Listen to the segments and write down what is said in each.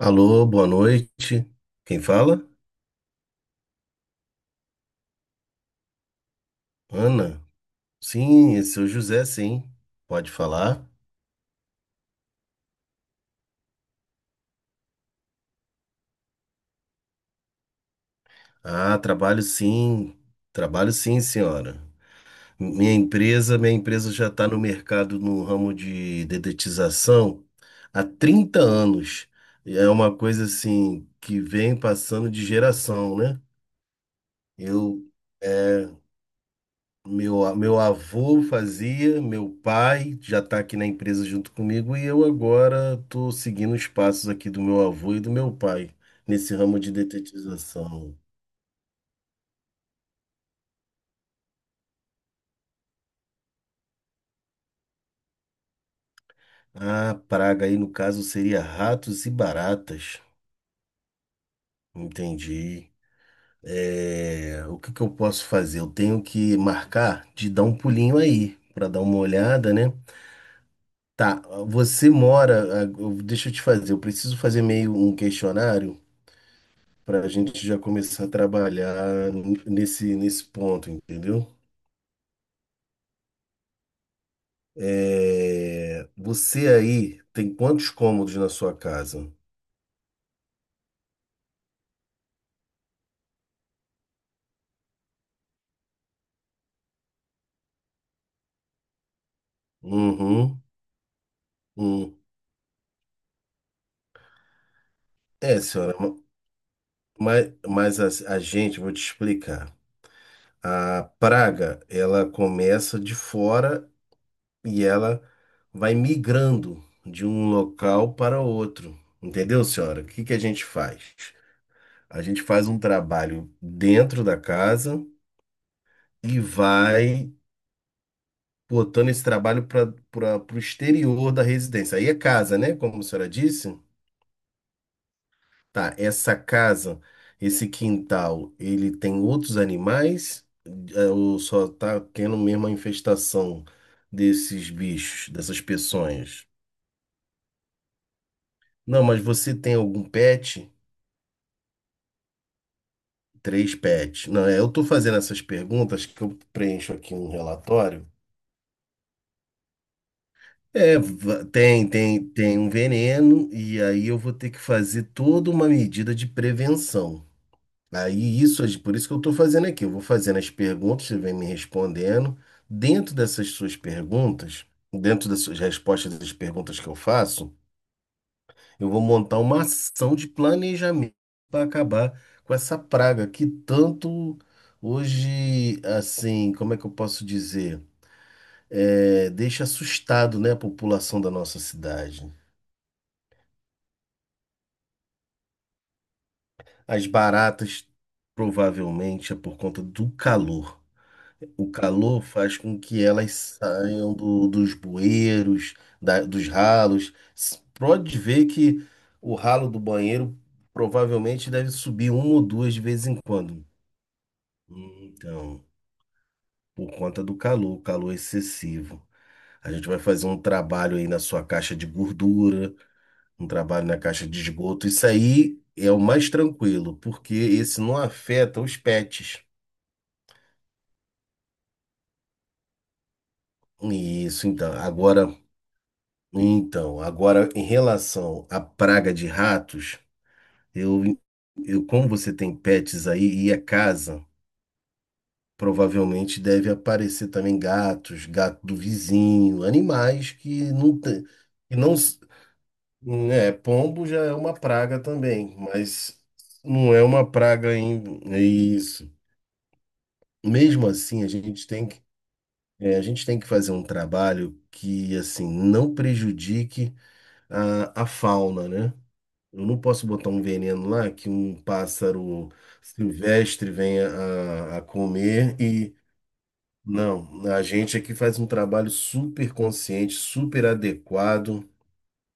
Alô, boa noite. Quem fala? Ana. Sim, esse é o José, sim. Pode falar? Ah, trabalho sim. Trabalho sim, senhora. Minha empresa já está no mercado no ramo de dedetização há 30 anos. É uma coisa assim que vem passando de geração, né? Eu é, Meu avô fazia, meu pai já está aqui na empresa junto comigo e eu agora estou seguindo os passos aqui do meu avô e do meu pai nesse ramo de detetização. A praga aí no caso seria ratos e baratas. Entendi. É, o que que eu posso fazer? Eu tenho que marcar de dar um pulinho aí para dar uma olhada, né? Tá, você mora, ah, eu- deixa eu te fazer, eu preciso fazer meio um questionário para a gente já começar a trabalhar nesse ponto, entendeu? É, você aí tem quantos cômodos na sua casa? Uhum, uhum. É, senhora, mas a gente, vou te explicar. A praga, ela começa de fora e ela vai migrando de um local para outro. Entendeu, senhora? O que que a gente faz? A gente faz um trabalho dentro da casa e vai botando esse trabalho para o exterior da residência. Aí é casa, né? Como a senhora disse. Tá, essa casa, esse quintal, ele tem outros animais? É, ou só tá tendo mesmo a infestação desses bichos, dessas peçonhas? Não, mas você tem algum pet? Três pets. Não, é, eu tô fazendo essas perguntas que eu preencho aqui um relatório. É, tem, tem um veneno, e aí eu vou ter que fazer toda uma medida de prevenção. Aí isso, é por isso que eu estou fazendo aqui. Eu vou fazendo as perguntas, você vem me respondendo. Dentro dessas suas perguntas, dentro das suas respostas das perguntas que eu faço, eu vou montar uma ação de planejamento para acabar com essa praga que tanto hoje, assim, como é que eu posso dizer? É, deixa assustado, né, a população da nossa cidade. As baratas, provavelmente, é por conta do calor. O calor faz com que elas saiam dos bueiros, dos ralos. Pode ver que o ralo do banheiro provavelmente deve subir uma ou duas de vez em quando. Então, por conta do calor, o calor excessivo. A gente vai fazer um trabalho aí na sua caixa de gordura, um trabalho na caixa de esgoto. Isso aí é o mais tranquilo, porque esse não afeta os pets. Isso, então. Agora. Então, agora em relação à praga de ratos, eu, eu como você tem pets aí e é casa, provavelmente deve aparecer também gatos, gato do vizinho, animais que não tem, que não, s- né, pombo já é uma praga também, mas não é uma praga ainda, é isso. Mesmo assim, a gente tem que, é, a gente tem que fazer um trabalho que assim não prejudique a fauna, né? Eu não posso botar um veneno lá que um pássaro silvestre venha a comer e. Não, a gente aqui faz um trabalho super consciente, super adequado.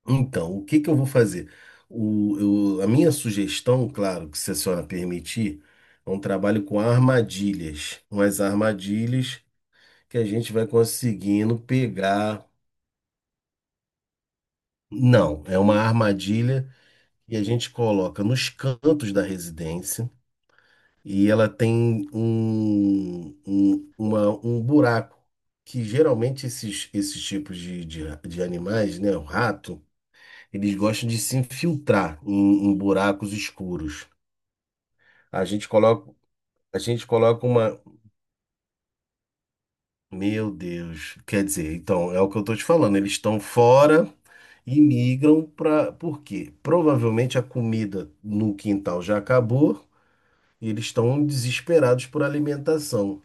Então, o que que eu vou fazer? A minha sugestão, claro, que se a senhora permitir, é um trabalho com armadilhas. Umas armadilhas que a gente vai conseguindo pegar. Não, é uma armadilha que a gente coloca nos cantos da residência. E ela tem um buraco, que geralmente esses tipos de animais, né, o rato, eles gostam de se infiltrar em buracos escuros. A gente coloca, a gente coloca uma. Meu Deus, quer dizer, então, é o que eu estou te falando, eles estão fora e migram para. Por quê? Provavelmente a comida no quintal já acabou. E eles estão desesperados por alimentação.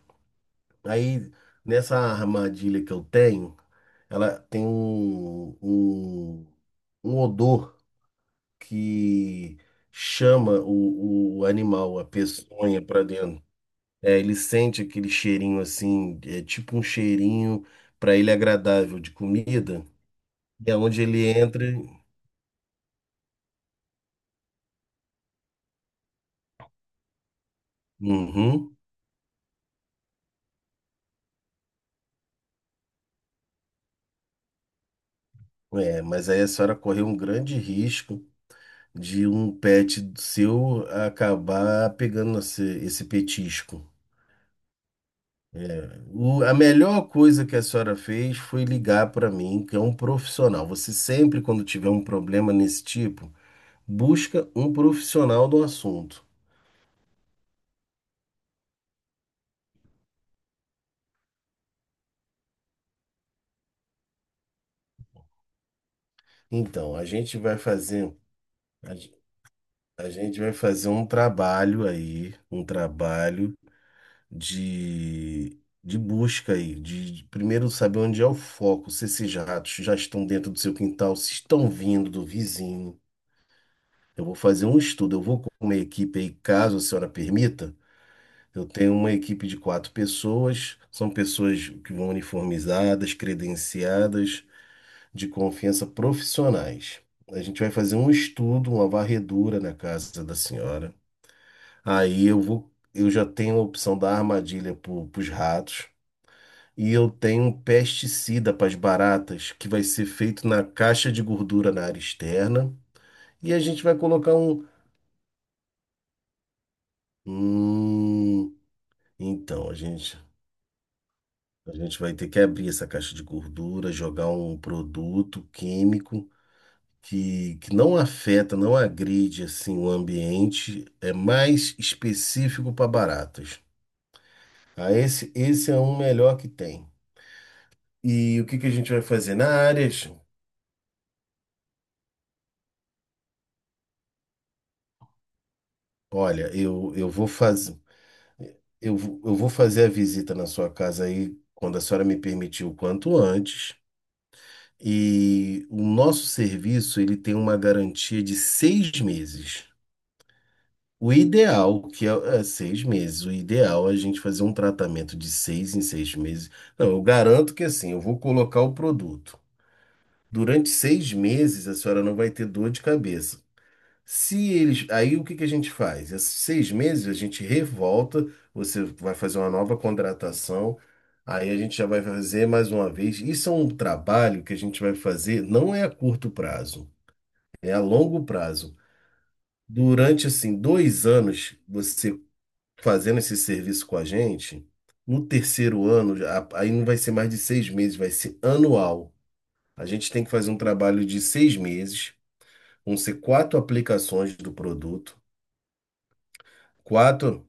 Aí, nessa armadilha que eu tenho, ela tem um odor que chama o animal, a peçonha, para dentro. É, ele sente aquele cheirinho assim, é tipo um cheirinho para ele agradável de comida. E é onde ele entra. Uhum. É, mas aí a senhora correu um grande risco de um pet seu acabar pegando esse petisco. É, a melhor coisa que a senhora fez foi ligar para mim, que é um profissional. Você sempre, quando tiver um problema nesse tipo, busca um profissional do assunto. Então, a gente vai fazer, a, ge- a gente vai fazer um trabalho aí, um trabalho de, de busca aí, de primeiro saber onde é o foco, se esses ratos já estão dentro do seu quintal, se estão vindo do vizinho. Eu vou fazer um estudo, eu vou com uma equipe aí, caso a senhora permita. Eu tenho uma equipe de 4 pessoas, são pessoas que vão uniformizadas, credenciadas, de confiança profissionais. A gente vai fazer um estudo, uma varredura na casa da senhora. Aí eu vou, eu já tenho a opção da armadilha para os ratos e eu tenho um pesticida para as baratas que vai ser feito na caixa de gordura na área externa e a gente vai colocar um. Hum, então a gente vai ter que abrir essa caixa de gordura, jogar um produto químico que não afeta, não agride assim o ambiente, é mais específico para baratas. Ah, esse é um melhor que tem. E o que que a gente vai fazer na área? Ju? Olha, eu vou fazer a visita na sua casa aí quando a senhora me permitir o quanto antes. E o nosso serviço ele tem uma garantia de 6 meses. O ideal, que é, é 6 meses, o ideal é a gente fazer um tratamento de 6 em 6 meses. Não, eu garanto que assim, eu vou colocar o produto. Durante 6 meses, a senhora não vai ter dor de cabeça. Se eles. Aí o que que a gente faz? Esses 6 meses a gente revolta, você vai fazer uma nova contratação, aí a gente já vai fazer mais uma vez. Isso é um trabalho que a gente vai fazer, não é a curto prazo, é a longo prazo. Durante assim 2 anos, você fazendo esse serviço com a gente, no terceiro ano, aí não vai ser mais de 6 meses, vai ser anual. A gente tem que fazer um trabalho de 6 meses, vão ser 4 aplicações do produto. Quatro.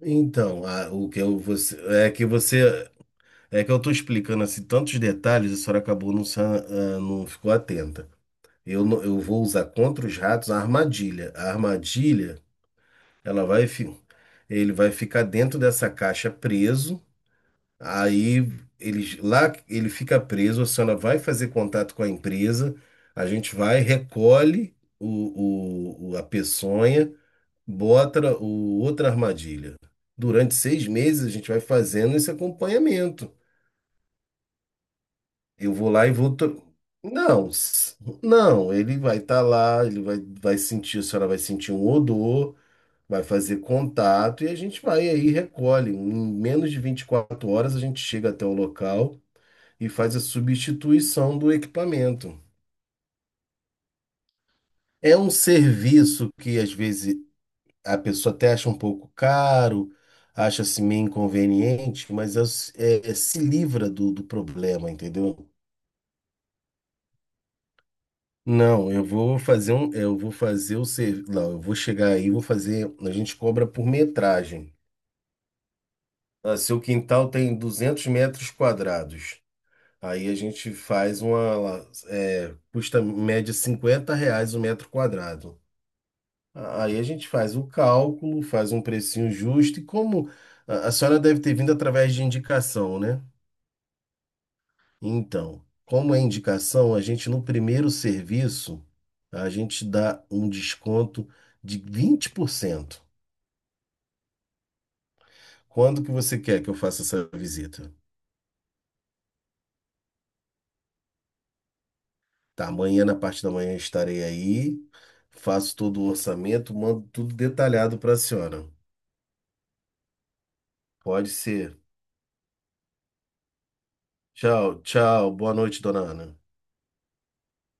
Então, a- o que eu, você, é que você. É que eu estou explicando assim tantos detalhes, a senhora acabou não, não ficou atenta. Eu, não- Eu vou usar contra os ratos a armadilha. A armadilha, ela vai, fi- ele vai ficar dentro dessa caixa preso. Aí ele fica preso, a senhora vai fazer contato com a empresa, recolhe a peçonha, bota outra armadilha. Durante seis meses a gente vai fazendo esse acompanhamento. Eu vou lá e vou. To- Não, s- não, ele vai estar lá, vai sentir, a senhora vai sentir um odor, vai fazer contato e a gente vai aí, e recolhe. Em menos de 24 horas a gente chega até o local. E faz a substituição do equipamento. É um serviço que às vezes a pessoa até acha um pouco caro, acha-se meio inconveniente, mas se livra do, do problema, entendeu? Não, eu vou fazer o serviço, não, eu vou chegar aí, vou fazer, a gente cobra por metragem. Ah, seu quintal tem 200 metros quadrados. Aí a gente faz uma, é, custa média R$ 50 o metro quadrado. Aí a gente faz o cálculo, faz um precinho justo e como a senhora deve ter vindo através de indicação, né? Então, como é indicação, a gente no primeiro serviço, a gente dá um desconto de 20%. Quando que você quer que eu faça essa visita? Tá, amanhã, na parte da manhã, eu estarei aí, faço todo o orçamento, mando tudo detalhado para a senhora. Pode ser. Tchau, tchau. Boa noite, dona Ana.